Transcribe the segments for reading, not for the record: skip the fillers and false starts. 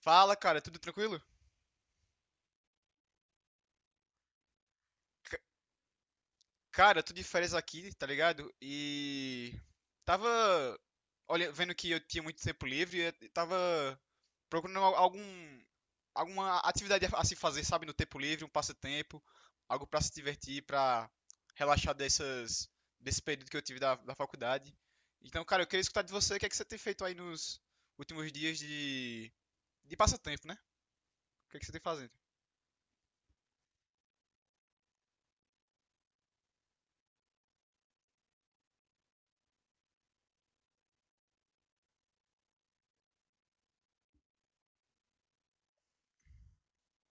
Fala, cara, tudo tranquilo? C- cara, tô de férias aqui, tá ligado? E tava vendo que eu tinha muito tempo livre e tava procurando algum alguma atividade a se fazer, sabe, no tempo livre, um passatempo, algo pra se divertir, pra relaxar dessas desse período que eu tive da faculdade. Então, cara, eu queria escutar de você o que é que você tem feito aí nos últimos dias de passatempo, né? O que é que você tem fazendo?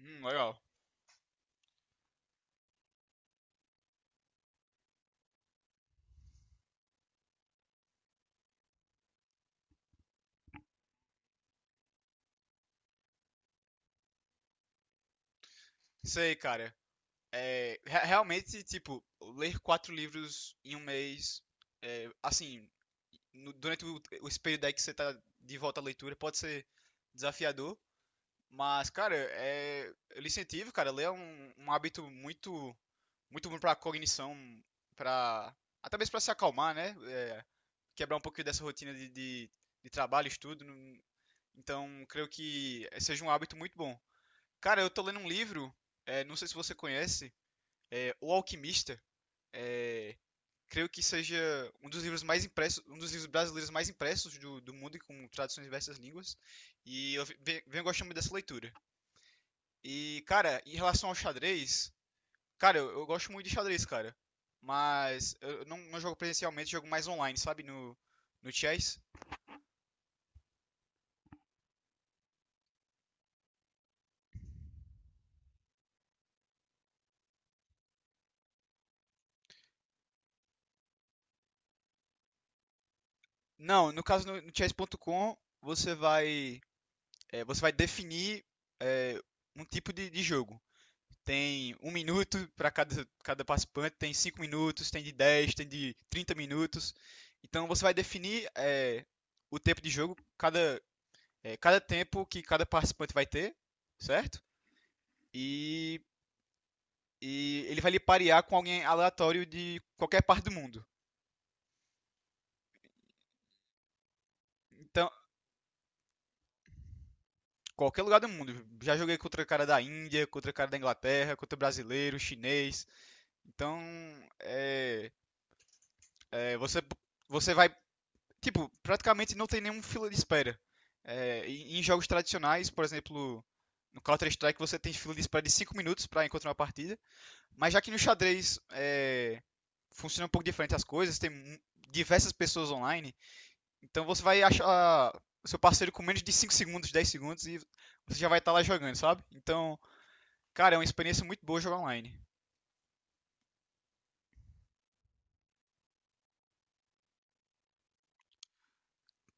Legal. Sei, cara. É, realmente, tipo, ler quatro livros em um mês, é, assim, durante o esse período aí que você tá de volta à leitura, pode ser desafiador, mas, cara, é, eu lhe incentivo, cara, ler é um, um hábito muito, muito bom pra cognição, pra, até mesmo pra se acalmar, né? É, quebrar um pouquinho dessa rotina de trabalho, estudo, então, creio que seja um hábito muito bom. Cara, eu tô lendo um livro, é, não sei se você conhece, é, o Alquimista, é, creio que seja um dos livros mais impressos, um dos livros brasileiros mais impressos do mundo, com traduções em diversas línguas. E eu venho gostando muito dessa leitura. E, cara, em relação ao xadrez, cara, eu gosto muito de xadrez, cara. Mas eu não jogo presencialmente, jogo mais online, sabe? No, no chess. Não, no caso no chess.com, você vai, é, você vai definir é, um tipo de jogo. Tem um minuto para cada participante, tem cinco minutos, tem de 10 tem de 30 minutos. Então você vai definir é, o tempo de jogo, cada, é, cada tempo que cada participante vai ter, certo? E, e ele vai lhe parear com alguém aleatório de qualquer parte do mundo. Então, qualquer lugar do mundo. Já joguei contra o cara da Índia, contra o cara da Inglaterra, contra brasileiro, chinês. Então, é, é, você vai tipo, praticamente não tem nenhum fila de espera. É, em jogos tradicionais, por exemplo, no Counter-Strike você tem fila de espera de 5 minutos para encontrar uma partida, mas já que no xadrez é, funciona um pouco diferente as coisas, diversas pessoas online, então você vai achar o seu parceiro com menos de 5 segundos, 10 segundos e você já vai estar lá jogando, sabe? Então, cara, é uma experiência muito boa jogar online.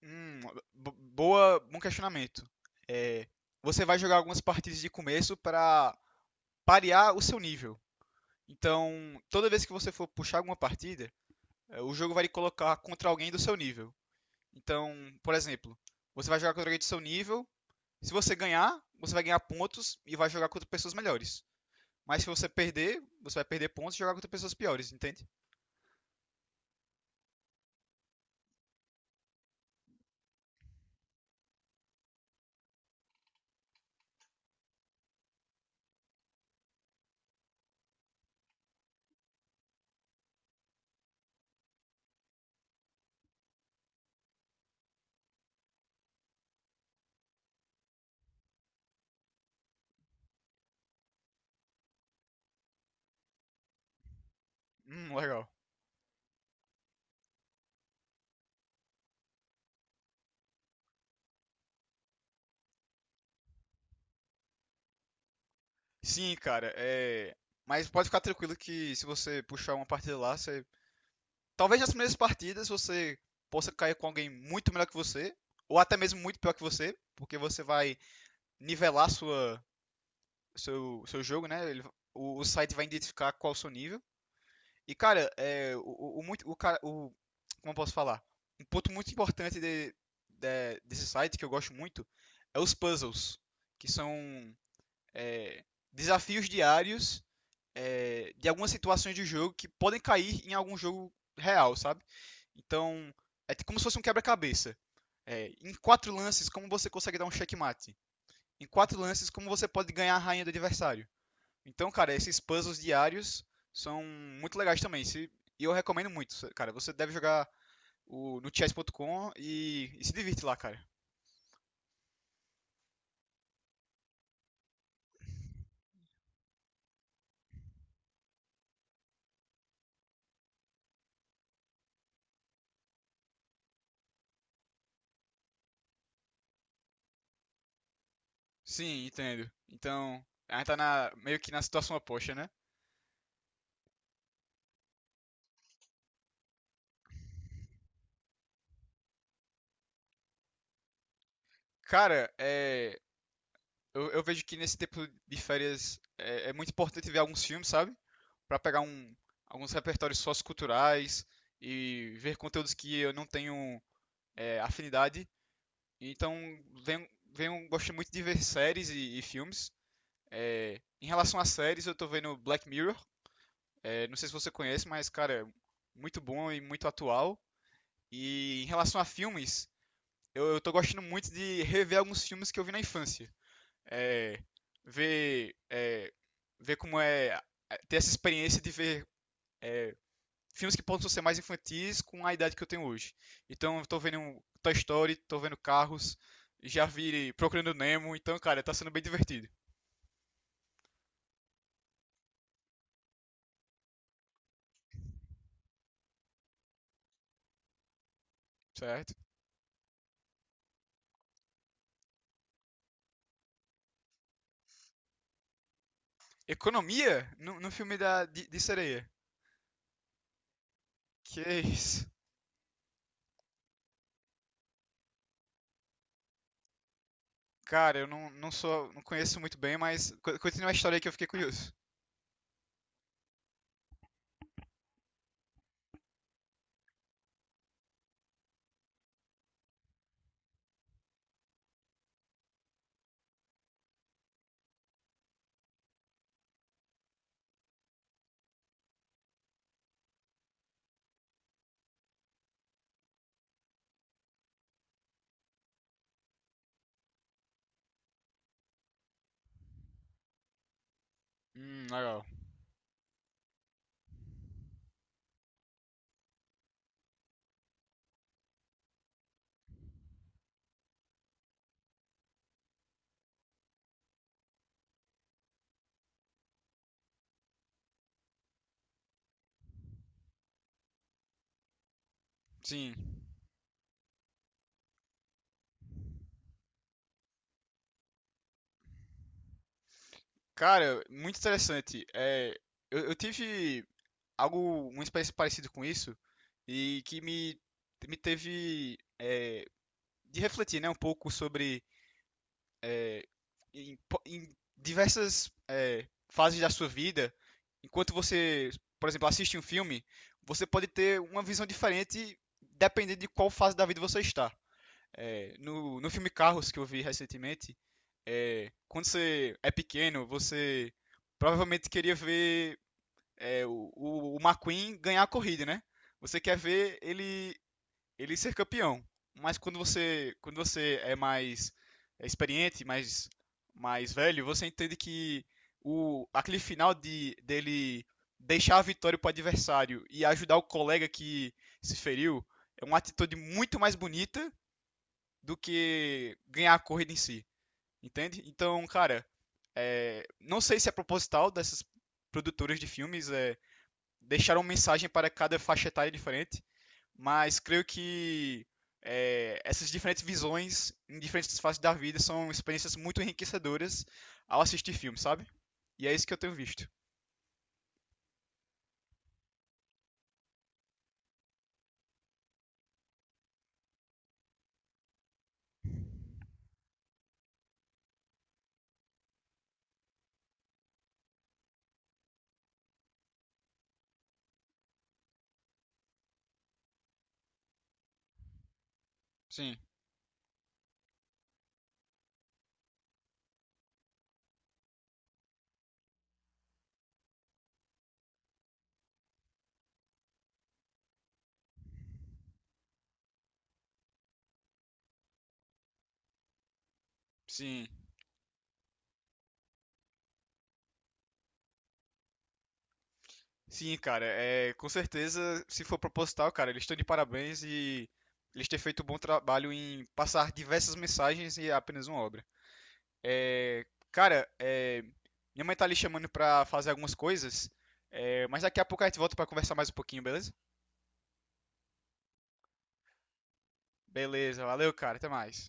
Hum, bom questionamento. É, você vai jogar algumas partidas de começo para parear o seu nível. Então, toda vez que você for puxar alguma partida, o jogo vai lhe colocar contra alguém do seu nível. Então, por exemplo, você vai jogar contra alguém do seu nível. Se você ganhar, você vai ganhar pontos e vai jogar contra pessoas melhores. Mas se você perder, você vai perder pontos e jogar contra pessoas piores, entende? Legal. Sim, cara, é. Mas pode ficar tranquilo que se você puxar uma partida lá, você. Talvez nas primeiras partidas você possa cair com alguém muito melhor que você, ou até mesmo muito pior que você, porque você vai nivelar sua, seu jogo, né? Ele, o site vai identificar qual o seu nível. E, cara, é, o, muito, o, cara- o, como eu posso falar? Um ponto muito importante desse site que eu gosto muito é os puzzles, que são é, desafios diários é, de algumas situações de jogo que podem cair em algum jogo real, sabe? Então, é como se fosse um quebra-cabeça. É, em quatro lances, como você consegue dar um checkmate? Em quatro lances como você pode ganhar a rainha do adversário. Então, cara, esses puzzles diários são muito legais também. E eu recomendo muito, cara. Você deve jogar no chess.com e se divirte lá, cara. Sim, entendo. Então, a gente tá meio que na situação oposta, né? Cara, é, eu vejo que nesse tempo de férias é, é muito importante ver alguns filmes, sabe? Pra pegar um, alguns repertórios socioculturais e ver conteúdos que eu não tenho é, afinidade. Então, venho, gosto muito de ver séries e filmes. É, em relação às séries, eu tô vendo Black Mirror. É, não sei se você conhece, mas, cara, muito bom e muito atual. E em relação a filmes, eu tô gostando muito de rever alguns filmes que eu vi na infância. É, ver, é, ver como é é, ter essa experiência de ver filmes que possam ser mais infantis com a idade que eu tenho hoje. Então, eu tô vendo um Toy Story, tô vendo Carros, já vi Procurando Nemo, então, cara, tá sendo bem divertido, certo? Economia no, no filme de sereia. Que é isso? Cara, eu não sou, não conheço muito bem, mas continua a história aí que eu fiquei curioso. Legal. Sim. Cara, muito interessante. É, eu tive algo, uma experiência parecida com isso e que me teve é, de refletir, né, um pouco sobre é, em, em diversas é, fases da sua vida, enquanto você, por exemplo, assiste um filme, você pode ter uma visão diferente dependendo de qual fase da vida você está. É, no filme Carros que eu vi recentemente, é, quando você é pequeno, você provavelmente queria ver é, o McQueen ganhar a corrida, né? Você quer ver ele ser campeão. Mas quando você é mais é experiente, mais, mais velho, você entende que o, aquele final dele deixar a vitória para o adversário e ajudar o colega que se feriu é uma atitude muito mais bonita do que ganhar a corrida em si, entende? Então, cara, é, não sei se é proposital dessas produtoras de filmes é, deixar uma mensagem para cada faixa etária diferente, mas creio que é, essas diferentes visões em diferentes fases da vida são experiências muito enriquecedoras ao assistir filmes, sabe? E é isso que eu tenho visto. Sim, sim. Sim, cara, é, com certeza, se for proposital, cara, eles estão de parabéns e eles têm feito um bom trabalho em passar diversas mensagens e apenas uma obra. É, cara, é, minha mãe tá ali chamando pra fazer algumas coisas, é, mas daqui a pouco a gente volta pra conversar mais um pouquinho, beleza? Beleza, valeu, cara, até mais.